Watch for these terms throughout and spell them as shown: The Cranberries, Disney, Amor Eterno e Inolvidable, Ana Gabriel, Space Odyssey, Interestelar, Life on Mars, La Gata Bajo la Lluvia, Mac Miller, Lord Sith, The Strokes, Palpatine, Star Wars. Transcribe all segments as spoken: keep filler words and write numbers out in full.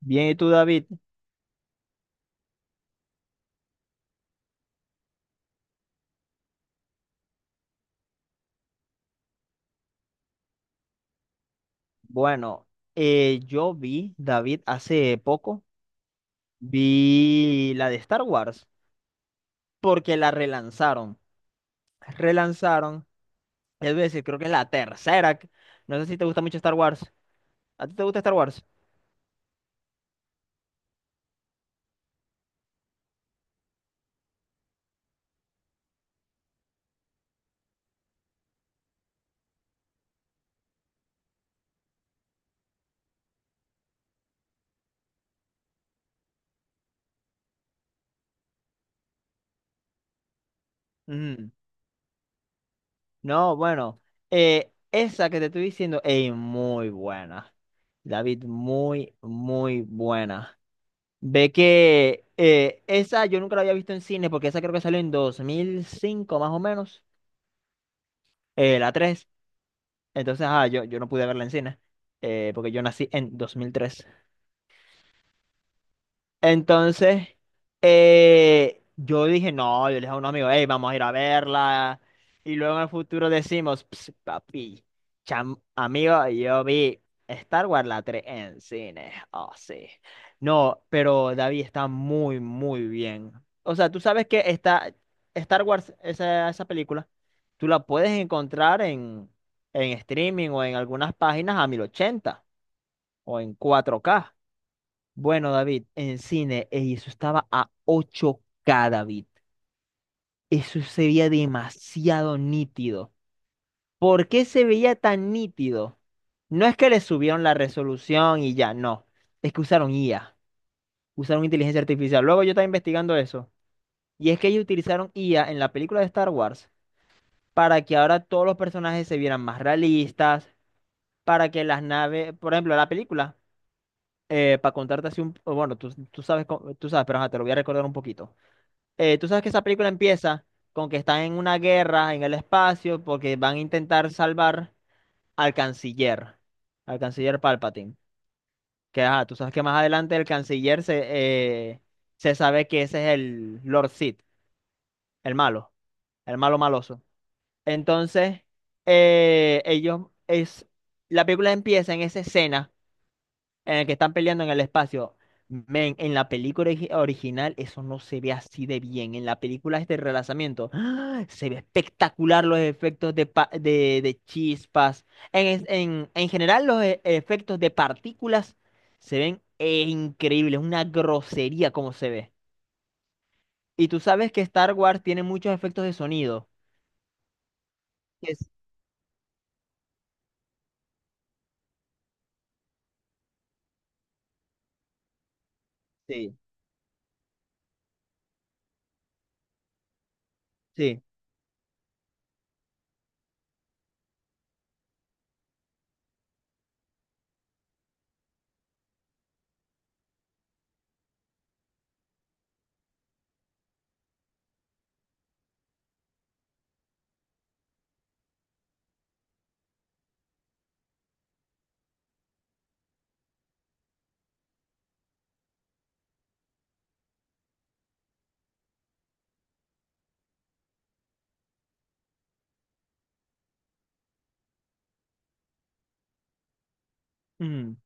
Bien, ¿y tú, David? Bueno, eh, yo vi, David, hace poco, vi la de Star Wars, porque la relanzaron. Relanzaron, es decir, creo que es la tercera. que- No sé si te gusta mucho Star Wars. ¿A ti te gusta Star Wars? Ujú. No, bueno, eh, esa que te estoy diciendo, ey, muy buena. David, muy, muy buena. Ve que eh, esa yo nunca la había visto en cine, porque esa creo que salió en dos mil cinco más o menos. eh, la tres Entonces, ah, yo, yo no pude verla en cine, eh, porque yo nací en dos mil tres entonces, eh, yo dije, no, yo le dije a un amigo, hey, vamos a ir a verla. Y luego en el futuro decimos, "Ps, papi, cham- amigo, yo vi Star Wars la tres en cine". Oh, sí. No, pero David, está muy, muy bien. O sea, tú sabes que está Star Wars, esa, esa película, tú la puedes encontrar en, en streaming o en algunas páginas a mil ochenta o en cuatro k. Bueno, David, en cine, ey, eso estaba a ocho k, David. Eso se veía demasiado nítido. ¿Por qué se veía tan nítido? No es que le subieron la resolución y ya, no. Es que usaron I A, usaron inteligencia artificial. Luego yo estaba investigando eso. Y es que ellos utilizaron I A en la película de Star Wars para que ahora todos los personajes se vieran más realistas, para que las naves, por ejemplo, la película, eh, para contarte así un... Bueno, tú, tú sabes, co- tú sabes, pero ajá, te lo voy a recordar un poquito. Eh, tú sabes que esa película empieza con que están en una guerra en el espacio porque van a intentar salvar al canciller, al canciller Palpatine. Que ajá, tú sabes que más adelante el canciller se, eh, se sabe que ese es el Lord Sith, el malo, el malo maloso. Entonces, eh, ellos es, la película empieza en esa escena en el que están peleando en el espacio. Men, en la película origi- original eso no se ve así de bien. En la película este relanzamiento, ¡ah, se ve espectacular los efectos de, pa- de, de chispas! En, es- en, en general los e- efectos de partículas se ven eh, increíbles, una grosería como se ve. Y tú sabes que Star Wars tiene muchos efectos de sonido. Es- Sí, sí, ujú,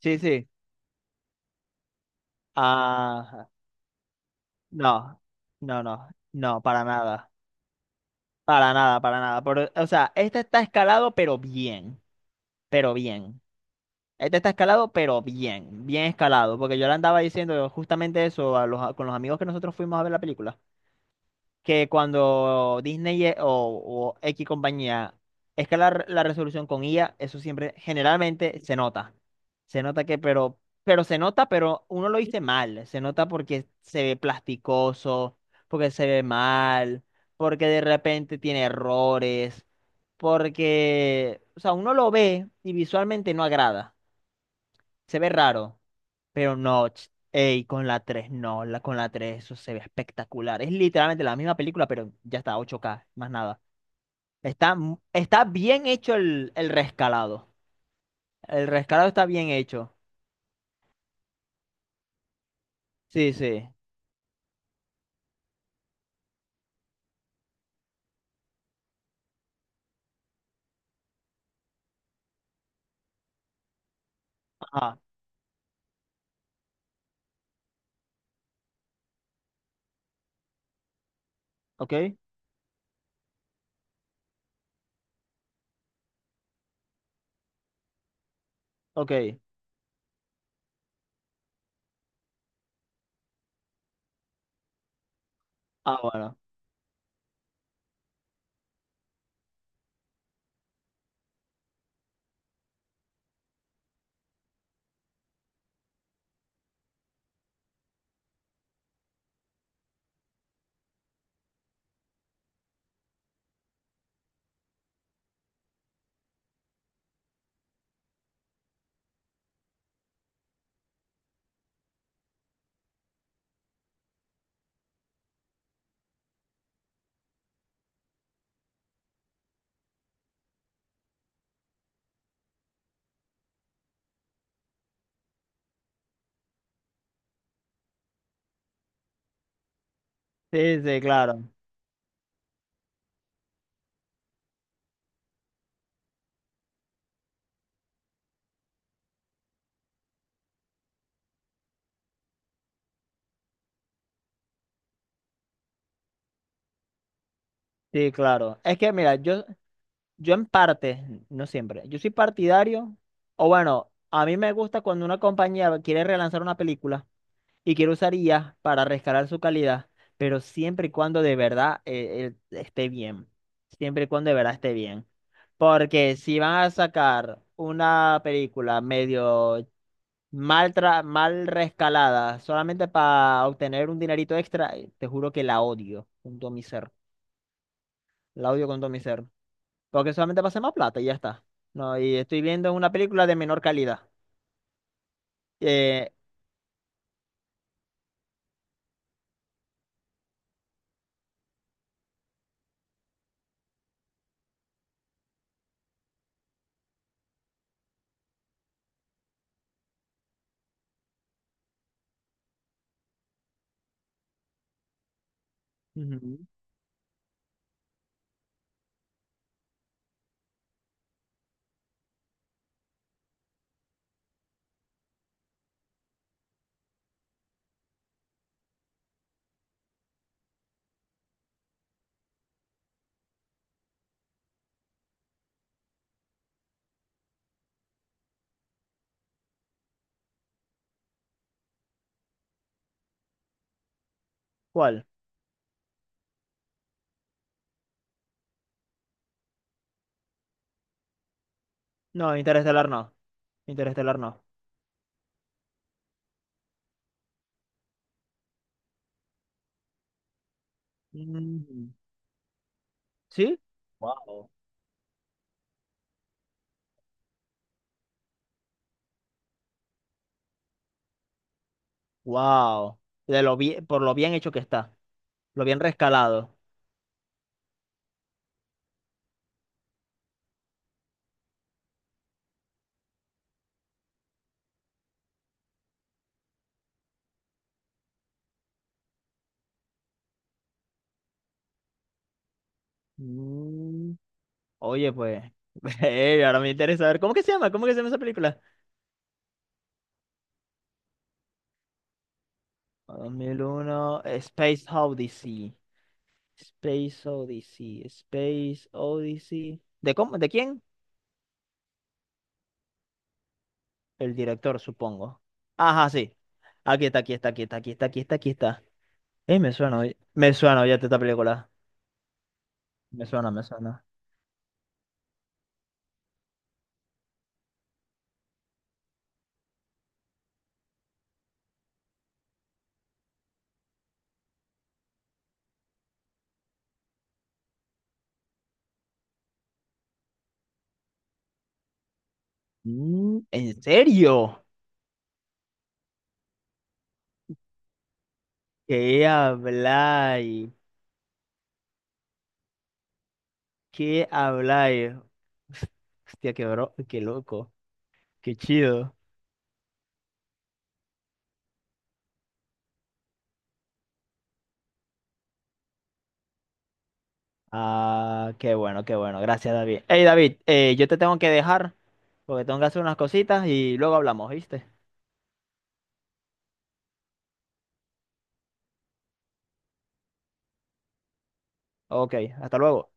sí, sí. Ah, no, no, no, no, para nada. Para nada, para nada. Por- o sea, este está escalado, pero bien, pero bien. Este está escalado, pero bien, bien escalado. Porque yo le andaba diciendo justamente eso a los, a- con los amigos que nosotros fuimos a ver la película, que cuando Disney e- o, o X compañía escala r- la resolución con I A, eso siempre generalmente se nota. Se nota que, pero, pero se nota, pero uno lo dice mal. Se nota porque se ve plasticoso, porque se ve mal, porque de repente tiene errores, porque, o sea, uno lo ve y visualmente no agrada. Se ve raro, pero no. ch- Ey, con la tres no, la, con la tres eso se ve espectacular. Es literalmente la misma película, pero ya está, ocho k más nada. Está, mu- está bien hecho el, el rescalado. El rescalado está bien hecho. Sí, sí. Ah, ok, ok. Ah, bueno. Sí, sí, claro. Sí, claro. Es que mira, yo, yo en parte, no siempre, yo soy partidario, o bueno, a mí me gusta cuando una compañía quiere relanzar una película y quiero usar I A para rescalar su calidad, pero siempre y cuando de verdad eh, eh, esté bien. Siempre y cuando de verdad esté bien. Porque si van a sacar una película medio mal, tra- mal rescalada solamente para obtener un dinerito extra, eh, te juro que la odio con todo mi ser. La odio con todo mi ser. Porque solamente pasa más plata y ya está. No, y estoy viendo una película de menor calidad. Eh, ujú. ¿Cuál? No, Interestelar no. Interestelar no. Ujú. ¿Sí? Wow. Wow. De lo bien, por lo bien hecho que está. Lo bien rescalado. Mm. Oye, pues. eh, ahora me interesa ver. ¿Cómo que se llama? ¿Cómo que se llama esa película? Dos mil uno Space Odyssey. Space Odyssey. Space Odyssey. ¿De cómo? ¿De quién? El director, supongo. Ajá, sí. Aquí está, aquí está, aquí está, aquí está, aquí está, aquí está. Eh, me suena, oye. Me suena, oye, esta película. Me suena, me suena. Mm, ¿en serio? ¿Qué habláis? ¿Qué habláis? Hostia, qué bro, qué loco, qué chido. Ah, qué bueno, qué bueno. Gracias, David. Hey, David, eh, yo te tengo que dejar porque tengo que hacer unas cositas y luego hablamos, ¿viste? Ok, hasta luego.